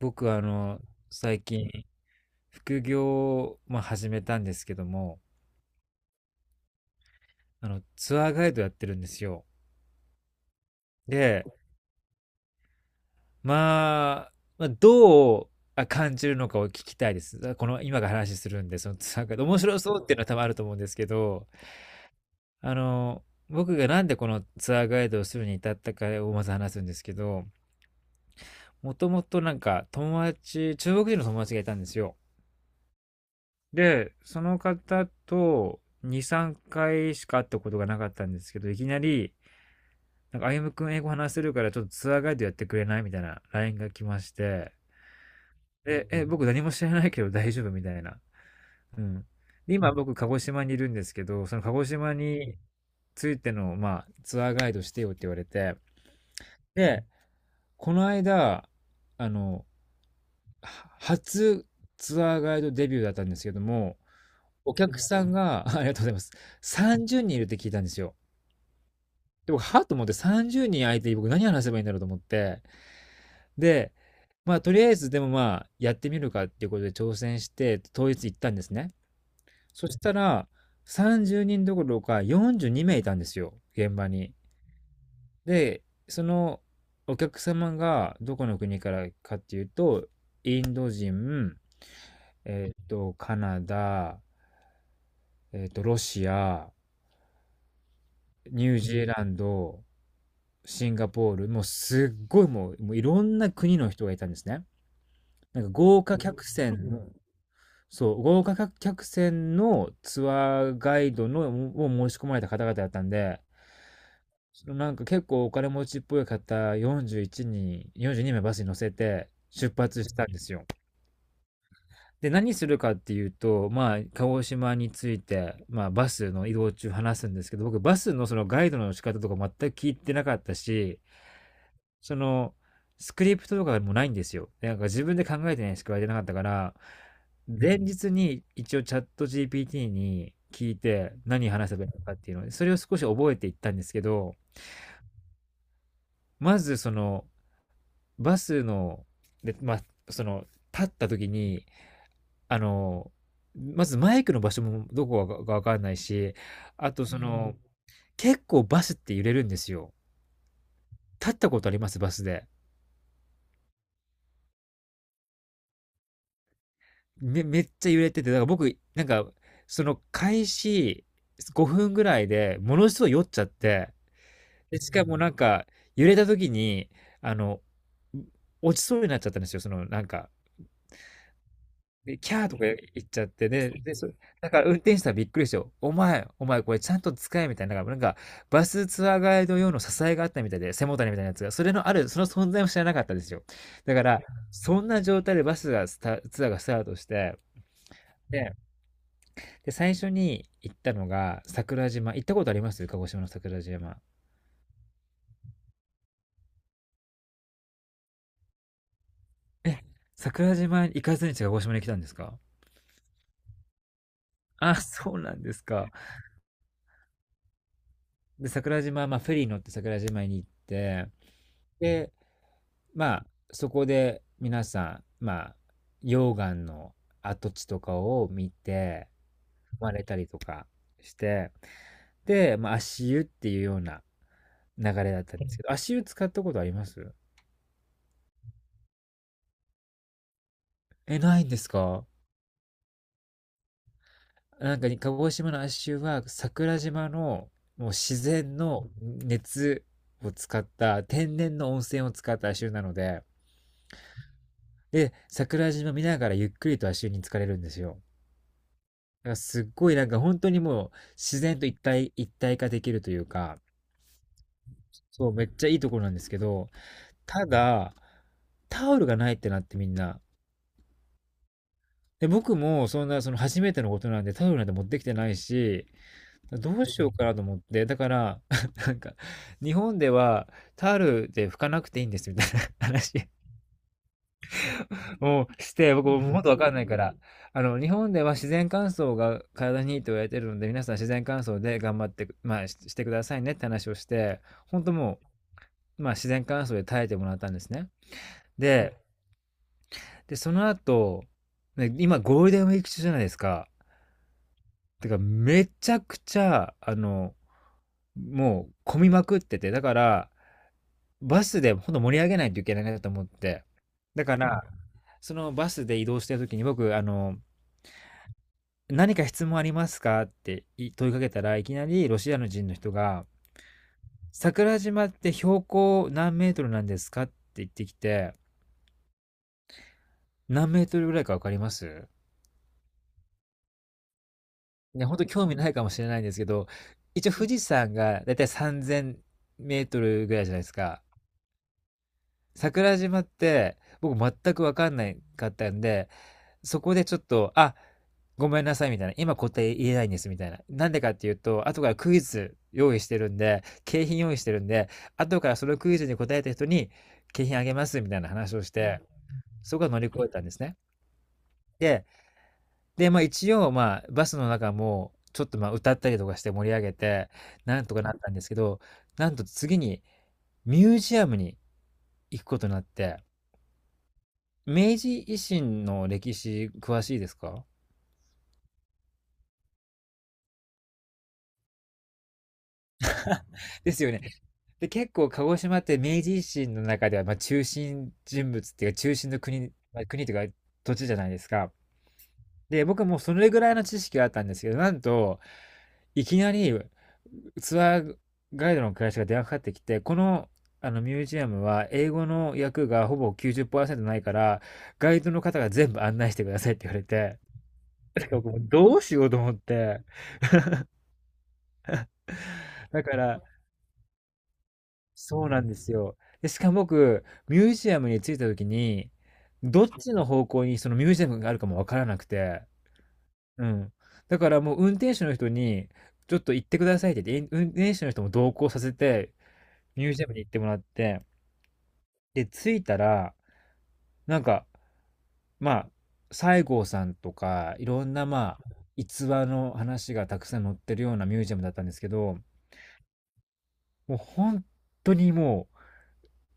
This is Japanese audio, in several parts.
僕は最近副業を、始めたんですけども、あのツアーガイドやってるんですよ。で、まあ、まあどうあ感じるのかを聞きたいです。この今が話するんで、そのツアーガイド面白そうっていうのは多分あると思うんですけど、あの僕がなんでこのツアーガイドをするに至ったかをまず話すんですけど、もともとなんか友達、中国人の友達がいたんですよ。で、その方と2、3回しか会ったことがなかったんですけど、いきなり、なんか、歩夢くん英語話せるからちょっとツアーガイドやってくれないみたいな LINE が来まして、で、え、僕何も知らないけど 大丈夫みたいな。うん。で、今僕鹿児島にいるんですけど、その鹿児島についての、まあ、ツアーガイドしてよって言われて、で、この間、あの、は初ツアーガイドデビューだったんですけども、お客さんが、ありがとうございます。30人いるって聞いたんですよ。で、僕、はっと思って、30人相手に僕何話せばいいんだろうと思って。で、まあ、とりあえずでもまあ、やってみるかっていうことで挑戦して、当日行ったんですね。そしたら、30人どころか42名いいたんですよ、現場に。で、そのお客様がどこの国からかっていうと、インド人、えっと、カナダ、えっと、ロシア、ニュージーランド、シンガポール、もうすっごい、もういろんな国の人がいたんですね。なんか豪華客船の、そう、豪華客船のツアーガイドのを申し込まれた方々だったんで、そのなんか結構お金持ちっぽい方41人、42名バスに乗せて出発したんですよ。で、何するかっていうと、まあ、鹿児島について、まあ、バスの移動中話すんですけど、僕、バスのそのガイドの仕方とか全く聞いてなかったし、その、スクリプトとかもないんですよ。でなんか自分で考えてないしか言われてなかったから、前日に一応チャット GPT に聞いて何話せばいいのかっていうので、それを少し覚えていったんですけど、まずその、バスの、で、まあ、その、立った時に、あの、まずマイクの場所もどこかがわかんないし、あとその、結構バスって揺れるんですよ。立ったことありますバスで。めっちゃ揺れてて、だから僕、なんか、その開始5分ぐらいでものすごい酔っちゃって、で、しかもなんか、揺れた時に、あの、落ちそうになっちゃったんですよ、その、なんか。で、キャーとか言っちゃって、で、で、そ、だから運転手さんびっくりしてよ。お前、お前これちゃんと使えみたいな、なんかバスツアーガイド用の支えがあったみたいで、背もたれみたいなやつが、それのある、その存在も知らなかったですよ。だから、そんな状態でバスがスタ、ツアーがスタートして、で、で、最初に行ったのが桜島。行ったことあります鹿児島の桜島。え、桜島行かずに鹿児島に来たんですか？あ、そうなんですか。で、桜島、まあ、フェリー乗って桜島に行って、で、まあ、そこで皆さん、まあ、溶岩の跡地とかを見て、踏まれたりとかして、で、まあ、足湯っていうような流れだったんですけど、足湯使ったことあります？え、ないんですか？なんか鹿児島の亜州は桜島のもう自然の熱を使った、天然の温泉を使った亜州なので、で、桜島見ながらゆっくりと亜州に浸かれるんですよ。だからすっごいなんか本当にもう自然と一体化できるというか、そう、めっちゃいいところなんですけど、ただ、タオルがないってなってみんな。で、僕もそんな、その初めてのことなんでタオルなんて持ってきてないし、どうしようかなと思って、だから、なんか、日本ではタオルで拭かなくていいんですみたいな話をして、僕もうもっとわかんないから、日本では自然乾燥が体にいいと言われてるので、皆さん自然乾燥で頑張って、まあ、ししてくださいねって話をして、本当もう、まあ、自然乾燥で耐えてもらったんですね。で、で、その後、ね、今ゴールデンウィーク中じゃないですか。てか、めちゃくちゃ、もう混みまくってて、だから、バスでほんと盛り上げないといけないなと思って。だから、そのバスで移動してる時に僕、あの、「何か質問ありますか？」ってい問いかけたら、いきなりロシアの人が、「桜島って標高何メートルなんですか？」って言ってきて、何メートルぐらいか分かります？ね、ほんと興味ないかもしれないんですけど、一応富士山がだいたい3000メートルぐらいじゃないですか。桜島って僕全く分かんないかったんで、そこでちょっと、あ、ごめんなさいみたいな、今答え言えないんですみたいな。なんでかっていうと、後からクイズ用意してるんで、景品用意してるんで、後からそのクイズに答えた人に景品あげますみたいな話をして、そこは乗り越えたんですね。で、で、まあ一応、まあバスの中も、ちょっとまあ歌ったりとかして盛り上げて、なんとかなったんですけど、なんと次にミュージアムに行くことになって、明治維新の歴史詳しいですか？ですよね。で、結構鹿児島って明治維新の中ではまあ中心人物っていうか中心の国、まあ、国というか土地じゃないですか。で、僕はもうそれぐらいの知識があったんですけど、なんと、いきなりツアーガイドの会社が電話かかってきて、この、あのミュージアムは英語の訳がほぼ90%ないから、ガイドの方が全部案内してくださいって言われて、なんか僕もどうしようと思って、だから、そうなんですよ。で、しかも僕、ミュージアムに着いた時に、どっちの方向にそのミュージアムがあるかもわからなくて、うん。だからもう運転手の人に、ちょっと行ってくださいって言って、運転手の人も同行させて、ミュージアムに行ってもらって、で、着いたら、なんか、まあ、西郷さんとか、いろんな、まあ、逸話の話がたくさん載ってるようなミュージアムだったんですけど、もう本当にもう、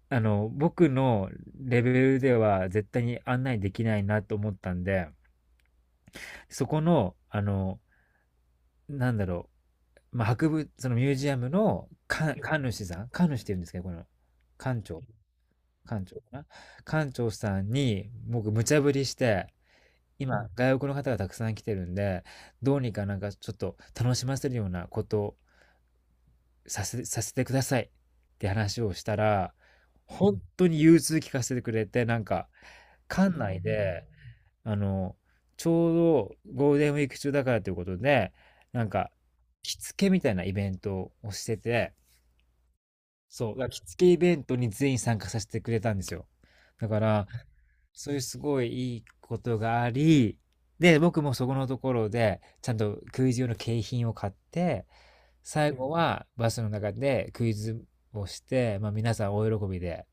僕のレベルでは絶対に案内できないなと思ったんで、そこの、なんだろそのミュージアムの館主さん、館主って言うんですけど、この、館長、館長かな、館長さんに、僕、無茶ぶりして、今、外国の方がたくさん来てるんで、どうにかなんかちょっと楽しませるようなことをさせてくださいって話をしたら、本当に融通聞かせてくれて、なんか、館内で、あの、ちょうどゴールデンウィーク中だからということで、なんか、着付けみたいなイベントをしてて、そう、だから着付けイベントに全員参加させてくれたんですよ。だから、そういうすごいいいことがあり、で、僕もそこのところで、ちゃんとクイズ用の景品を買って、最後はバスの中でクイズをして、まあ皆さん大喜びで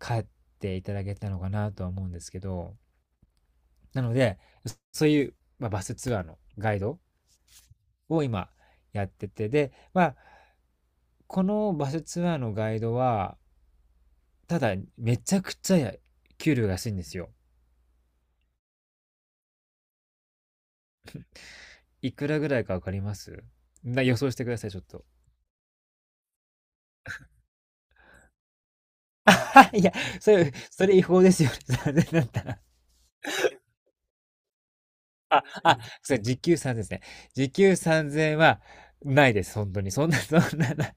帰っていただけたのかなとは思うんですけど、なので、そういう、まあ、バスツアーのガイドを今やってて、で、まあ、このバスツアーのガイドは、ただ、めちゃくちゃ給料が安いんですよ。いくらぐらいかわかりますな、予想してください、ちょっと。いや、それ違法ですよ、ね。3円だったら。あ、あ、それ、時給3000ですね。時給3000円は、ないです、本当に。そんな、そんな、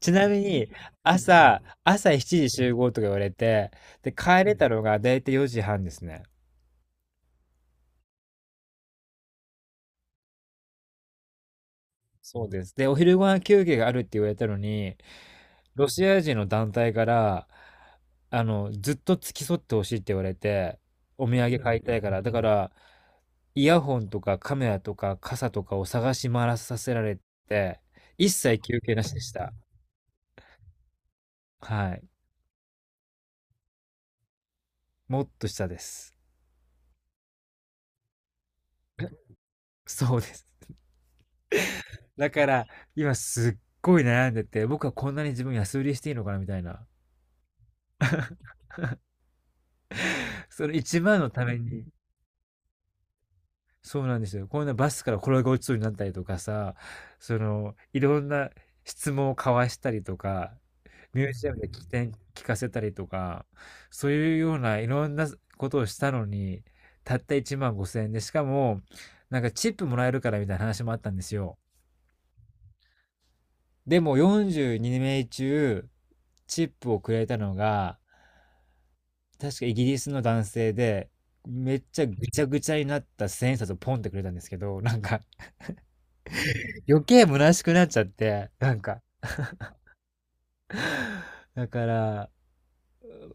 ちなみに、朝7時集合とか言われて、で、帰れたのがだいたい4時半ですね。そうです。で、お昼ご飯休憩があるって言われたのに、ロシア人の団体から、ずっと付き添ってほしいって言われて、お土産買いたいから、だから、イヤホンとかカメラとか傘とかを探し回らさせられて、一切休憩なしでした。はい。もっと下です。そうです。だから、今すっごい悩んでて、僕はこんなに自分安売りしていいのかなみたいな。その1万のために、そうなんですよ。こんなバスから転げ落ちそうになったりとかさ、その、いろんな質問を交わしたりとか、ミュージアムで聞かせたりとか、そういうようないろんなことをしたのに、たった1万5千円で、しかも、なんかチップもらえるからみたいな話もあったんですよ。でも42名中、チップをくれたのが、確かイギリスの男性で、めっちゃぐちゃぐちゃになった千円札をポンってくれたんですけど、なんか余計虚しくなっちゃって、なんか、だから、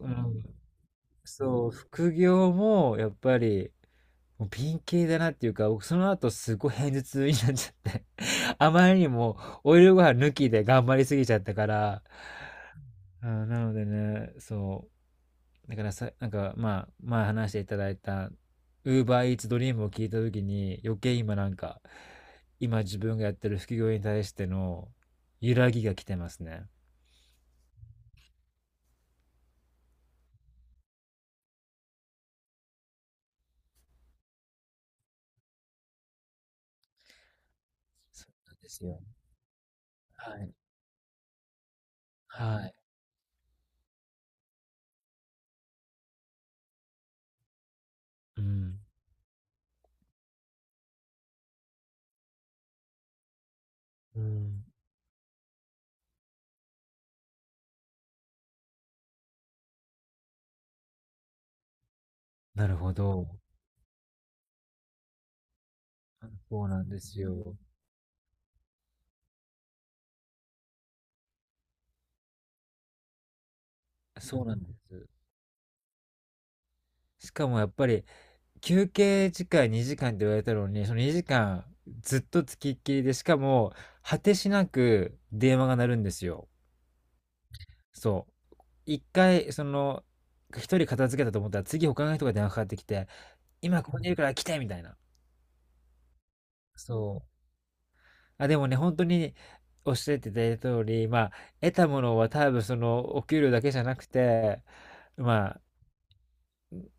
うん、そう、副業もやっぱり、もうピン系だなっていうか、僕その後すごい偏頭痛になっちゃって あまりにもオイルご飯抜きで頑張りすぎちゃったから、あー、なのでね、そう、だからさ、なんか、まあ、前まあ話していただいた、Uber Eats Dream を聞いたときに、余計今なんか、今自分がやってる副業に対しての揺らぎが来てますね。そうなんですよ。はい。はい。うん。うん。なるほど。そうなんですよ。そうなんです。しかもやっぱり休憩時間2時間って言われたのに、その2時間ずっとつきっきりで、しかも果てしなく電話が鳴るんですよ。そう。一回、その、一人片付けたと思ったら、次他の人が電話かかってきて、今ここにいるから来てみたいな。そう。あ、でもね、本当におっしゃっていただいた通り、まあ、得たものは多分その、お給料だけじゃなくて、まあ、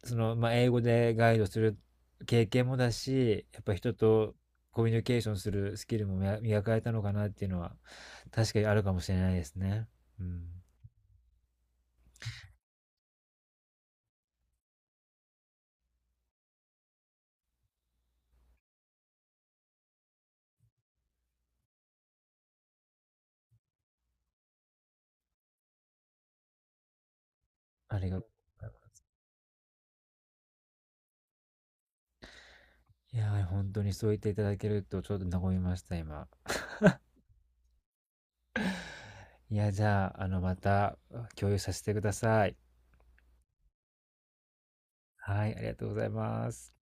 その、まあ、英語でガイドする経験もだし、やっぱ人とコミュニケーションするスキルも磨かれたのかなっていうのは、確かにあるかもしれないですね。うん。ありがとう、いやー、本当にそう言っていただけると、ちょっと和みました、今。いや、じゃあ、また共有させてください。はい、ありがとうございます。